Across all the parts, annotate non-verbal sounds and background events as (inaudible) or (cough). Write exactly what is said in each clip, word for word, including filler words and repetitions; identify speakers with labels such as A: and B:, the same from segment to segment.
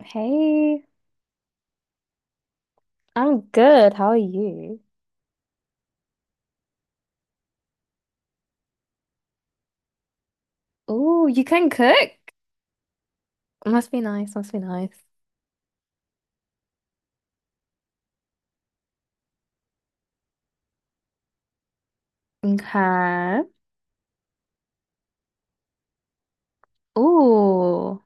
A: Hey, I'm good. How are you? Oh, you can cook? Must be nice. Must be nice. Okay. Oh,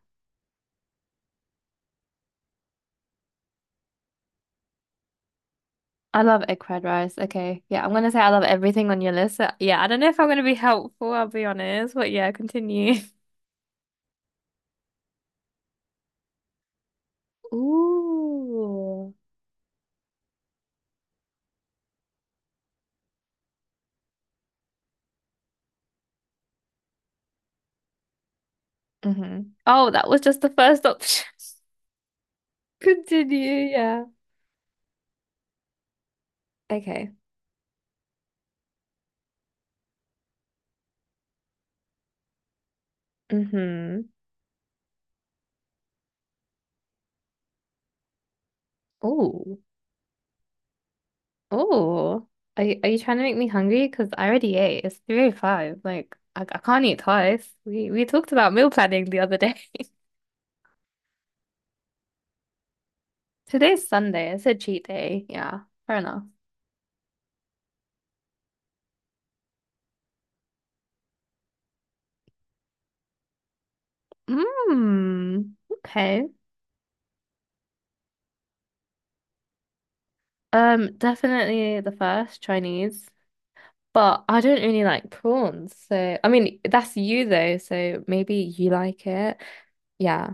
A: I love egg fried rice. Okay. Yeah, I'm gonna say I love everything on your list. Uh, Yeah, I don't know if I'm gonna be helpful, I'll be honest, but yeah, continue. (laughs) Ooh. Mm-hmm. Oh, that was just the first option. (laughs) Continue, yeah. Okay. Mm-hmm. Ooh. Oh, are you, are you trying to make me hungry? Because I already ate. It's three oh five. Like, I, I can't eat twice. We we talked about meal planning the other day. (laughs) Today's Sunday. It's a cheat day. Yeah, fair enough. Mmm. Okay. Um, definitely the first Chinese, but I don't really like prawns. So, I mean, that's you though. So maybe you like it. Yeah.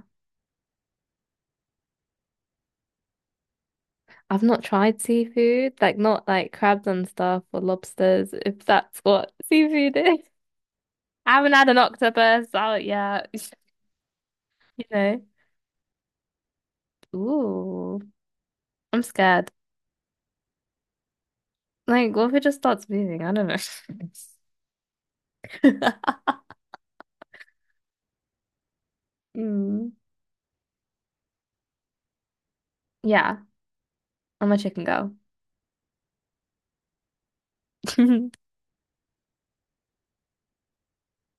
A: I've not tried seafood, like not like crabs and stuff or lobsters, if that's what seafood is. I haven't had an octopus out yet. (laughs) You know. Ooh, I'm scared. Like, what if it just starts moving? I don't know. (laughs) Mm. Yeah, I'm a chicken girl.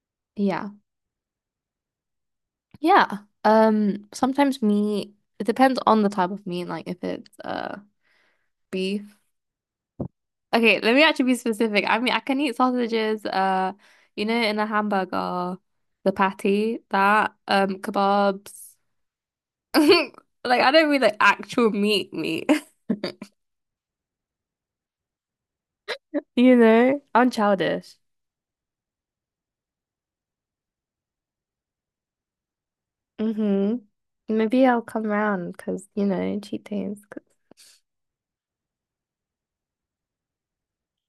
A: (laughs) Yeah. Yeah. Um, sometimes meat, it depends on the type of meat, like if it's uh beef. Okay, let me actually be specific. I mean, I can eat sausages, uh, you know, in a hamburger, the patty, that, um, kebabs. (laughs) Like I don't mean like actual meat meat. You know, I'm childish. Mm-hmm. Maybe I'll come round because, you know, cheat days.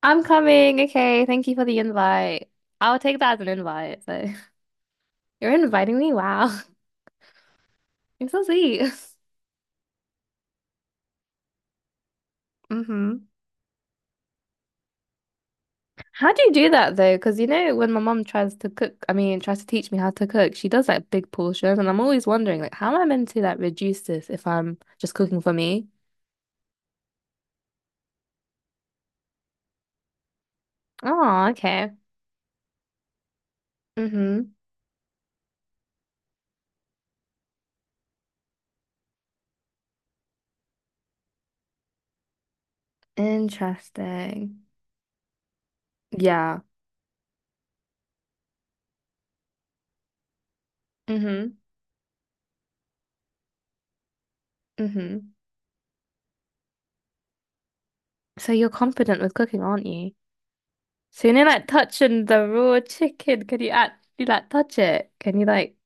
A: i I'm coming. Okay. Thank you for the invite. I'll take that as an invite. So (laughs) you're inviting me? Wow. (laughs) You're so sweet. (laughs) Mm-hmm. How do you do that though? Because, you know, when my mom tries to cook, I mean, tries to teach me how to cook, she does like big portions. And I'm always wondering, like, how am I meant to like reduce this if I'm just cooking for me? Oh, okay. Mm-hmm. Interesting. Yeah. Mm-hmm. Mm-hmm. So you're confident with cooking, aren't you? So you are like touching the raw chicken, can you actually like touch it? Can you like?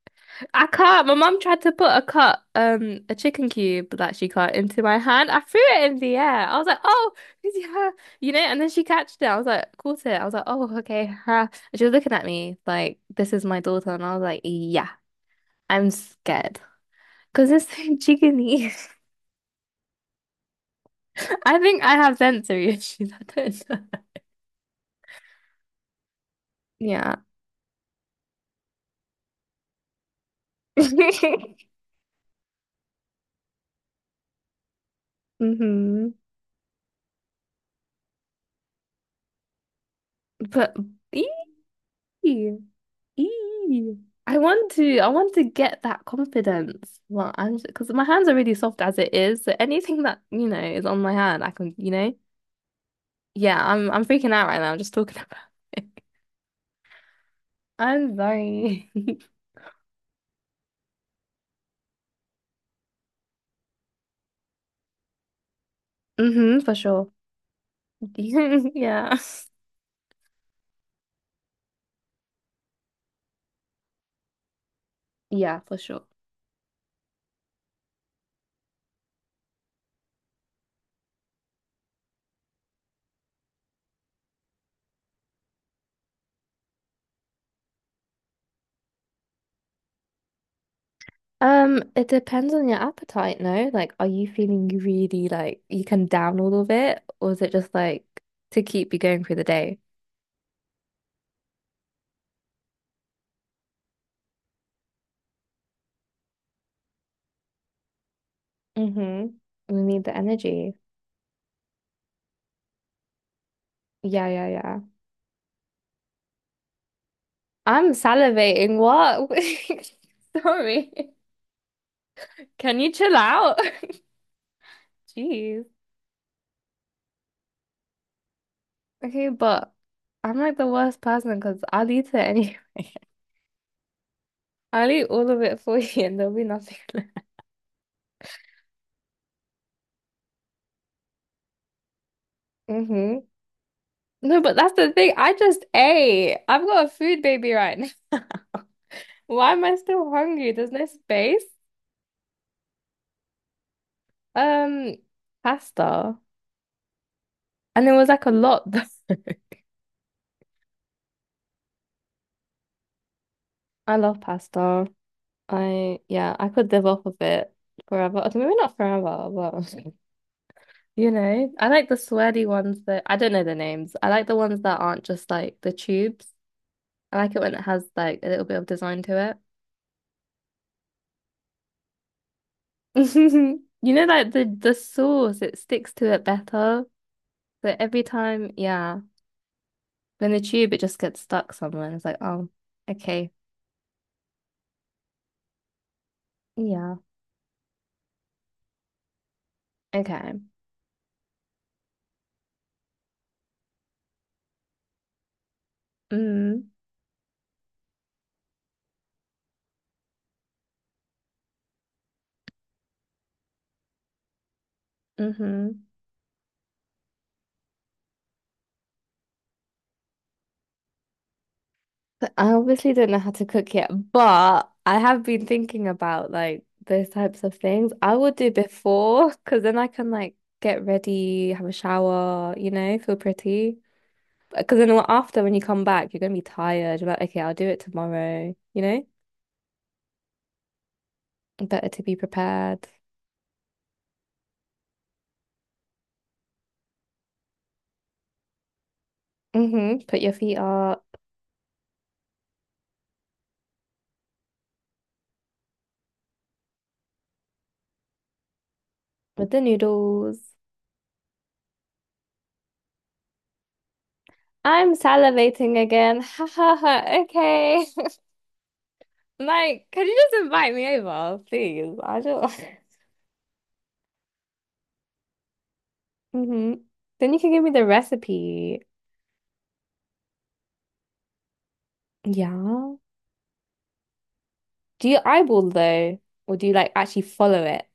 A: I can't. My mum tried to put a cut, um, a chicken cube that she cut into my hand. I threw it in the air. I was like, "Oh, (laughs) yeah," you know. And then she catched it. I was like, caught it. I was like, "Oh, okay." ha." And she was looking at me like, "This is my daughter," and I was like, "Yeah, I'm scared because it's so chickeny." (laughs) I think I have sensory issues. (laughs) I don't know. Yeah. (laughs) Mm-hmm. But ee, ee. I want to I want to get that confidence. Well, I'm because my hands are really soft as it is, so anything that, you know, is on my hand, I can, you know. Yeah, I'm I'm freaking out right now just talking about it. (laughs) I'm sorry. (laughs) Mm-hmm, for sure. (laughs) Yeah. Yeah, for sure. Um, it depends on your appetite, no? Like, are you feeling really like you can down all of it, or is it just like to keep you going through the day? Hmm. We need the energy. Yeah, yeah, yeah. I'm salivating. What? (laughs) Sorry. Can you chill out? (laughs) Jeez. Okay, but I'm like the worst person because I'll eat it anyway. (laughs) I'll eat all of it for you and there'll be nothing (laughs) left. Hmm. No, but that's the thing. I just ate. I've got a food baby right now. (laughs) Why am I still hungry? There's no space. Um, Pasta. And it was like a lot though. (laughs) I love pasta. I Yeah, I could live off of it forever. Okay, maybe not forever, but (laughs) you know, I like the sweaty ones that I don't know the names. I like the ones that aren't just like the tubes. I like it when it has like a little bit of design to it. (laughs) You know, like the the sauce, it sticks to it better. So every time, yeah, when the tube it just gets stuck somewhere. And it's like, oh, okay, yeah, okay, mm, mm-hmm. I obviously don't know how to cook yet, but I have been thinking about like those types of things. I will do before because then I can like get ready, have a shower, you know, feel pretty. Because then after when you come back, you're gonna be tired. You're like, okay, I'll do it tomorrow, you know? Better to be prepared. Mm-hmm. Put your feet up with the noodles. I'm salivating again. (laughs) Ha ha ha. Okay. (laughs) Like, can you just invite me over, please? I don't. (laughs) Hmm. Then you can give me the recipe. Yeah. Do you eyeball though? Or do you like actually follow it?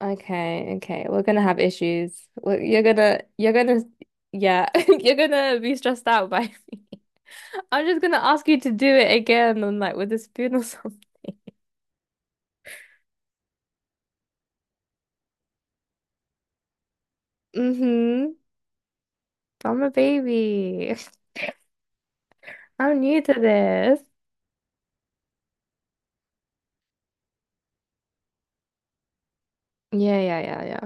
A: Okay, okay. We're, gonna have issues. We're, you're gonna, you're gonna, yeah, (laughs) you're gonna be stressed out by me. (laughs) I'm just gonna ask you to do it again and like with a spoon or (laughs) something. Mm-hmm. I'm a baby. (laughs) I'm new to this. Yeah, yeah, yeah, yeah.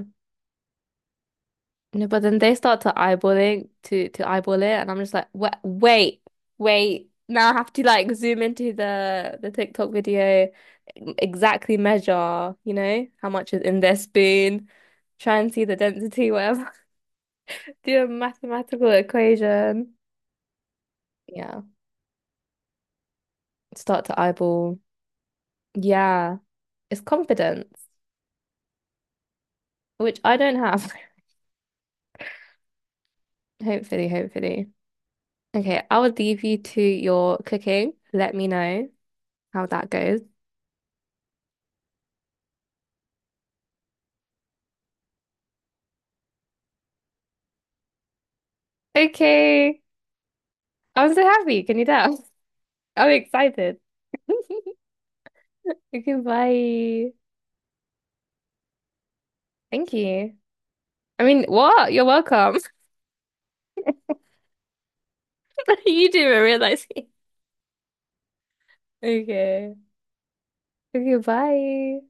A: No, but then they start to eyeballing to to eyeball it, and I'm just like, wait, wait, wait. Now I have to like zoom into the the TikTok video, e-, exactly measure, you know, how much is in their spoon, try and see the density, whatever. (laughs) Do a mathematical equation. Yeah, start to eyeball. Yeah, it's confidence, which I don't have. (laughs) Hopefully, hopefully. Okay, I will leave you to your cooking. Let me know how that goes. Okay. I'm so happy. Can you tell? (laughs) I'm excited. (laughs) Okay, bye. Thank you. I mean, what? You're welcome. (laughs) You didn't even realize. (laughs) Okay. Okay, bye.